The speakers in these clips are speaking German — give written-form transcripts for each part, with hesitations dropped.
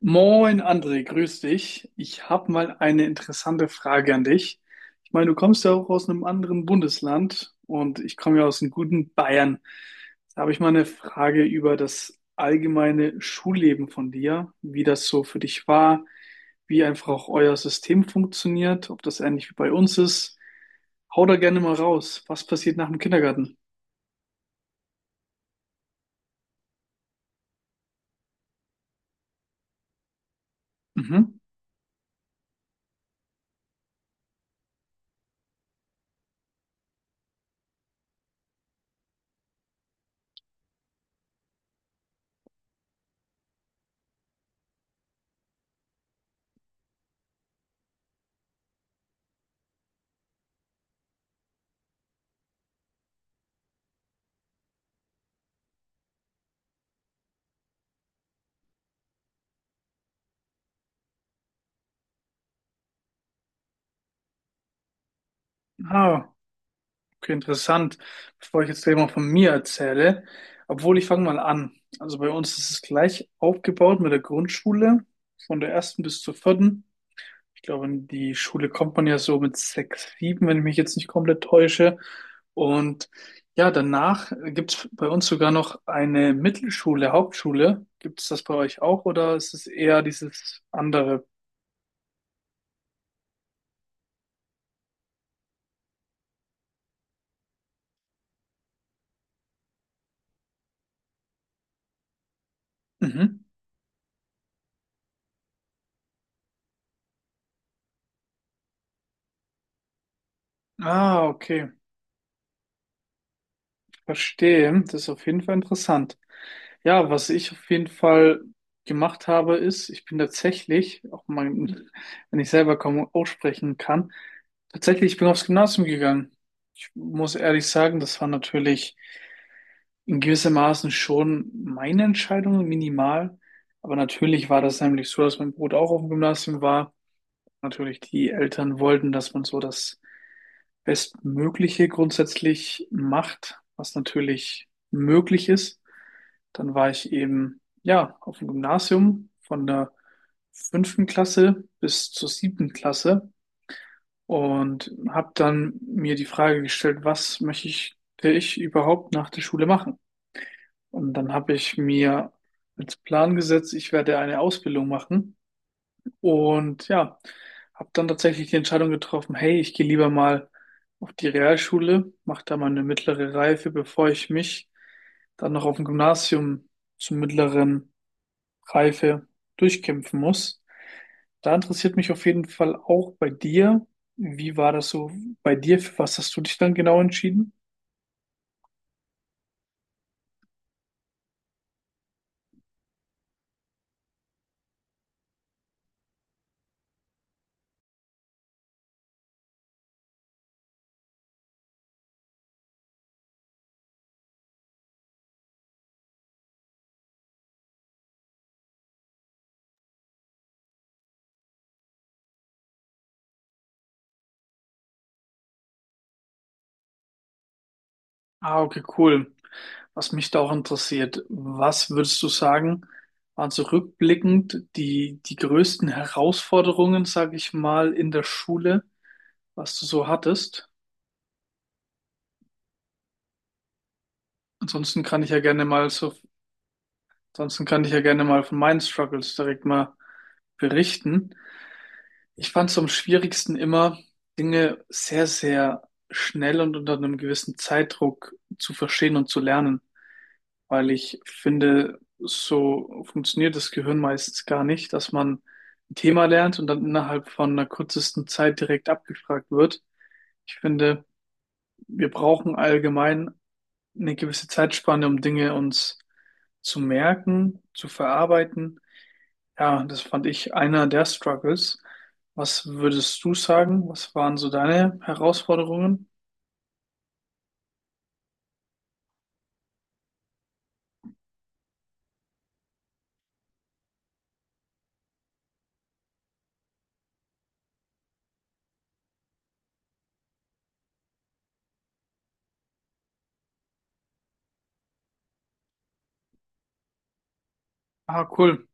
Moin André, grüß dich. Ich habe mal eine interessante Frage an dich. Ich meine, du kommst ja auch aus einem anderen Bundesland und ich komme ja aus einem guten Bayern. Da habe ich mal eine Frage über das allgemeine Schulleben von dir, wie das so für dich war, wie einfach auch euer System funktioniert, ob das ähnlich wie bei uns ist. Hau da gerne mal raus. Was passiert nach dem Kindergarten? Mhm. Ah. Okay, interessant. Bevor ich jetzt gleich mal von mir erzähle, obwohl, ich fange mal an. Also bei uns ist es gleich aufgebaut mit der Grundschule, von der ersten bis zur vierten. Ich glaube, in die Schule kommt man ja so mit sechs, sieben, wenn ich mich jetzt nicht komplett täusche. Und ja, danach gibt es bei uns sogar noch eine Mittelschule, Hauptschule. Gibt es das bei euch auch oder ist es eher dieses andere? Mhm. Ah, okay. Verstehe, das ist auf jeden Fall interessant. Ja, was ich auf jeden Fall gemacht habe, ist, ich bin tatsächlich, auch mal, wenn ich selber kaum aussprechen kann, tatsächlich, ich bin aufs Gymnasium gegangen. Ich muss ehrlich sagen, das war natürlich in gewissem Maßen schon meine Entscheidung, minimal. Aber natürlich war das nämlich so, dass mein Bruder auch auf dem Gymnasium war, natürlich, die Eltern wollten, dass man so das Bestmögliche grundsätzlich macht, was natürlich möglich ist. Dann war ich eben, ja, auf dem Gymnasium von der fünften Klasse bis zur siebten Klasse und habe dann mir die Frage gestellt, was möchte ich, will ich überhaupt nach der Schule machen? Und dann habe ich mir als Plan gesetzt, ich werde eine Ausbildung machen und ja, habe dann tatsächlich die Entscheidung getroffen, hey, ich gehe lieber mal auf die Realschule, mache da mal eine mittlere Reife, bevor ich mich dann noch auf dem Gymnasium zur mittleren Reife durchkämpfen muss. Da interessiert mich auf jeden Fall auch bei dir, wie war das so bei dir? Für was hast du dich dann genau entschieden? Ah, okay, cool. Was mich da auch interessiert, was würdest du sagen, waren so rückblickend die größten Herausforderungen, sage ich mal, in der Schule, was du so hattest? Ansonsten kann ich ja gerne mal so, ansonsten kann ich ja gerne mal von meinen Struggles direkt mal berichten. Ich fand es am schwierigsten immer, Dinge sehr, sehr schnell und unter einem gewissen Zeitdruck zu verstehen und zu lernen, weil ich finde, so funktioniert das Gehirn meistens gar nicht, dass man ein Thema lernt und dann innerhalb von einer kürzesten Zeit direkt abgefragt wird. Ich finde, wir brauchen allgemein eine gewisse Zeitspanne, um Dinge uns zu merken, zu verarbeiten. Ja, das fand ich einer der Struggles. Was würdest du sagen? Was waren so deine Herausforderungen? Ah, cool.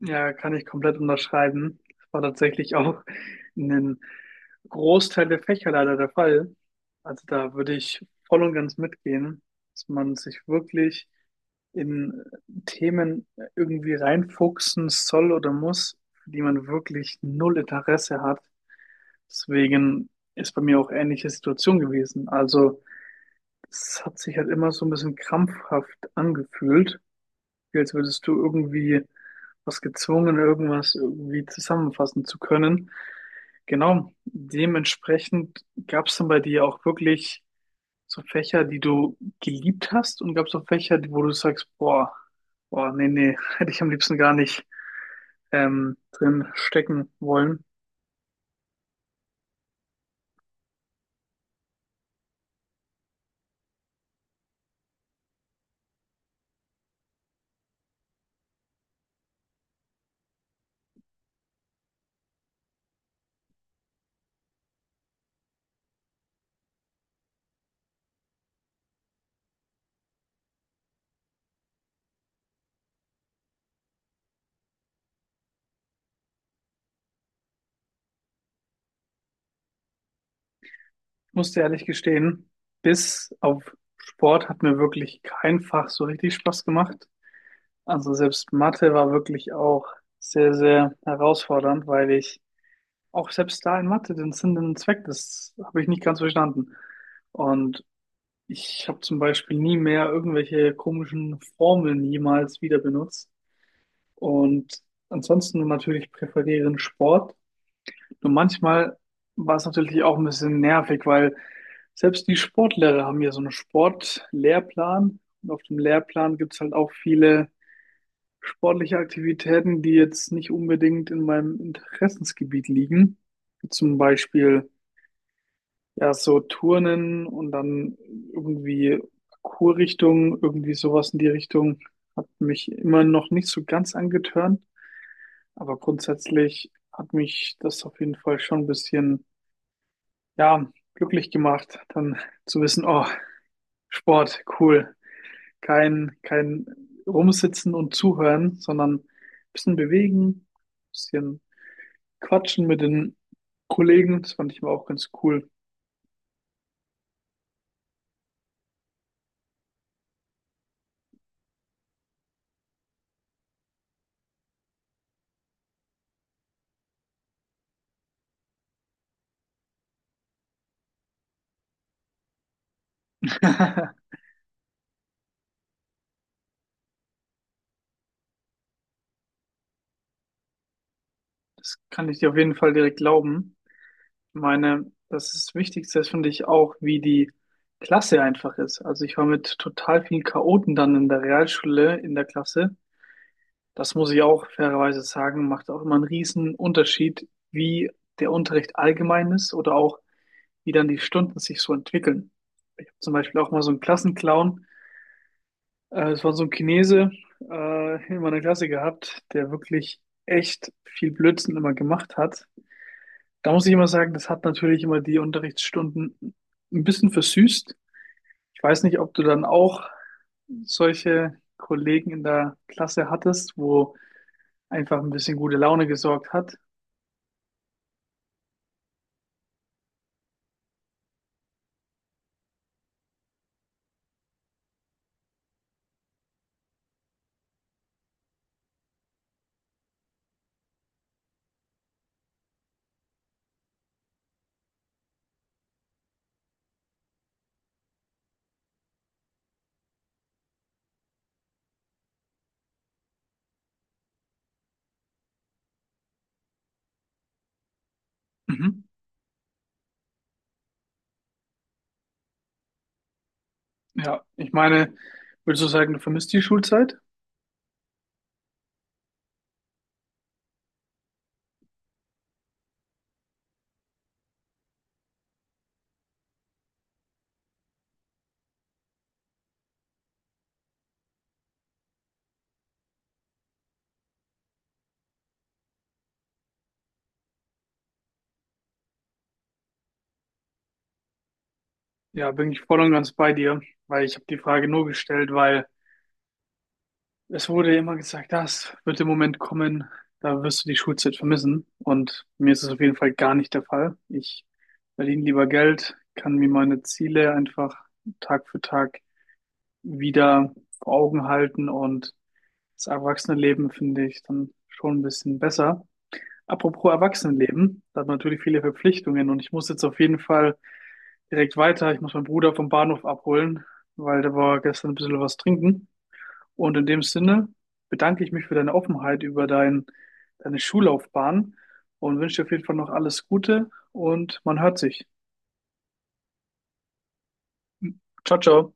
Ja, kann ich komplett unterschreiben. Das war tatsächlich auch in den Großteil der Fächer leider der Fall. Also da würde ich voll und ganz mitgehen, dass man sich wirklich in Themen irgendwie reinfuchsen soll oder muss, für die man wirklich null Interesse hat. Deswegen ist bei mir auch ähnliche Situation gewesen. Also es hat sich halt immer so ein bisschen krampfhaft angefühlt. Gefühl, als würdest du irgendwie was gezwungen, irgendwas irgendwie zusammenfassen zu können. Genau, dementsprechend gab es dann bei dir auch wirklich so Fächer, die du geliebt hast und gab es auch Fächer, die- wo du sagst, boah, boah, nee, nee, hätte ich am liebsten gar nicht drin stecken wollen. Ich muss dir ehrlich gestehen, bis auf Sport hat mir wirklich kein Fach so richtig Spaß gemacht. Also selbst Mathe war wirklich auch sehr, sehr herausfordernd, weil ich auch selbst da in Mathe den Sinn und Zweck, das habe ich nicht ganz verstanden. Und ich habe zum Beispiel nie mehr irgendwelche komischen Formeln jemals wieder benutzt. Und ansonsten natürlich präferieren Sport. Nur manchmal war es natürlich auch ein bisschen nervig, weil selbst die Sportlehrer haben ja so einen Sportlehrplan. Und auf dem Lehrplan gibt es halt auch viele sportliche Aktivitäten, die jetzt nicht unbedingt in meinem Interessensgebiet liegen. Zum Beispiel ja so Turnen und dann irgendwie Kurrichtung, irgendwie sowas in die Richtung, hat mich immer noch nicht so ganz angetörnt. Aber grundsätzlich hat mich das auf jeden Fall schon ein bisschen, ja, glücklich gemacht, dann zu wissen, oh, Sport, cool. Kein, kein Rumsitzen und Zuhören, sondern ein bisschen bewegen, ein bisschen Quatschen mit den Kollegen, das fand ich immer auch ganz cool. Das kann ich dir auf jeden Fall direkt glauben. Ich meine, das ist das Wichtigste, das finde ich auch, wie die Klasse einfach ist. Also ich war mit total vielen Chaoten dann in der Realschule in der Klasse. Das muss ich auch fairerweise sagen, macht auch immer einen riesen Unterschied, wie der Unterricht allgemein ist oder auch wie dann die Stunden sich so entwickeln. Ich habe zum Beispiel auch mal so einen Klassenclown, es war so ein Chinese in meiner Klasse gehabt, der wirklich echt viel Blödsinn immer gemacht hat. Da muss ich immer sagen, das hat natürlich immer die Unterrichtsstunden ein bisschen versüßt. Ich weiß nicht, ob du dann auch solche Kollegen in der Klasse hattest, wo einfach ein bisschen gute Laune gesorgt hat. Mhm. Ja, ich meine, würdest du sagen, du vermisst die Schulzeit? Ja, bin ich voll und ganz bei dir, weil ich habe die Frage nur gestellt, weil es wurde ja immer gesagt, das wird der Moment kommen, da wirst du die Schulzeit vermissen. Und mir ist es auf jeden Fall gar nicht der Fall. Ich verdiene lieber Geld, kann mir meine Ziele einfach Tag für Tag wieder vor Augen halten und das Erwachsenenleben finde ich dann schon ein bisschen besser. Apropos Erwachsenenleben, da hat man natürlich viele Verpflichtungen und ich muss jetzt auf jeden Fall direkt weiter. Ich muss meinen Bruder vom Bahnhof abholen, weil der war gestern ein bisschen was trinken. Und in dem Sinne bedanke ich mich für deine Offenheit über deine Schullaufbahn und wünsche dir auf jeden Fall noch alles Gute und man hört sich. Ciao, ciao.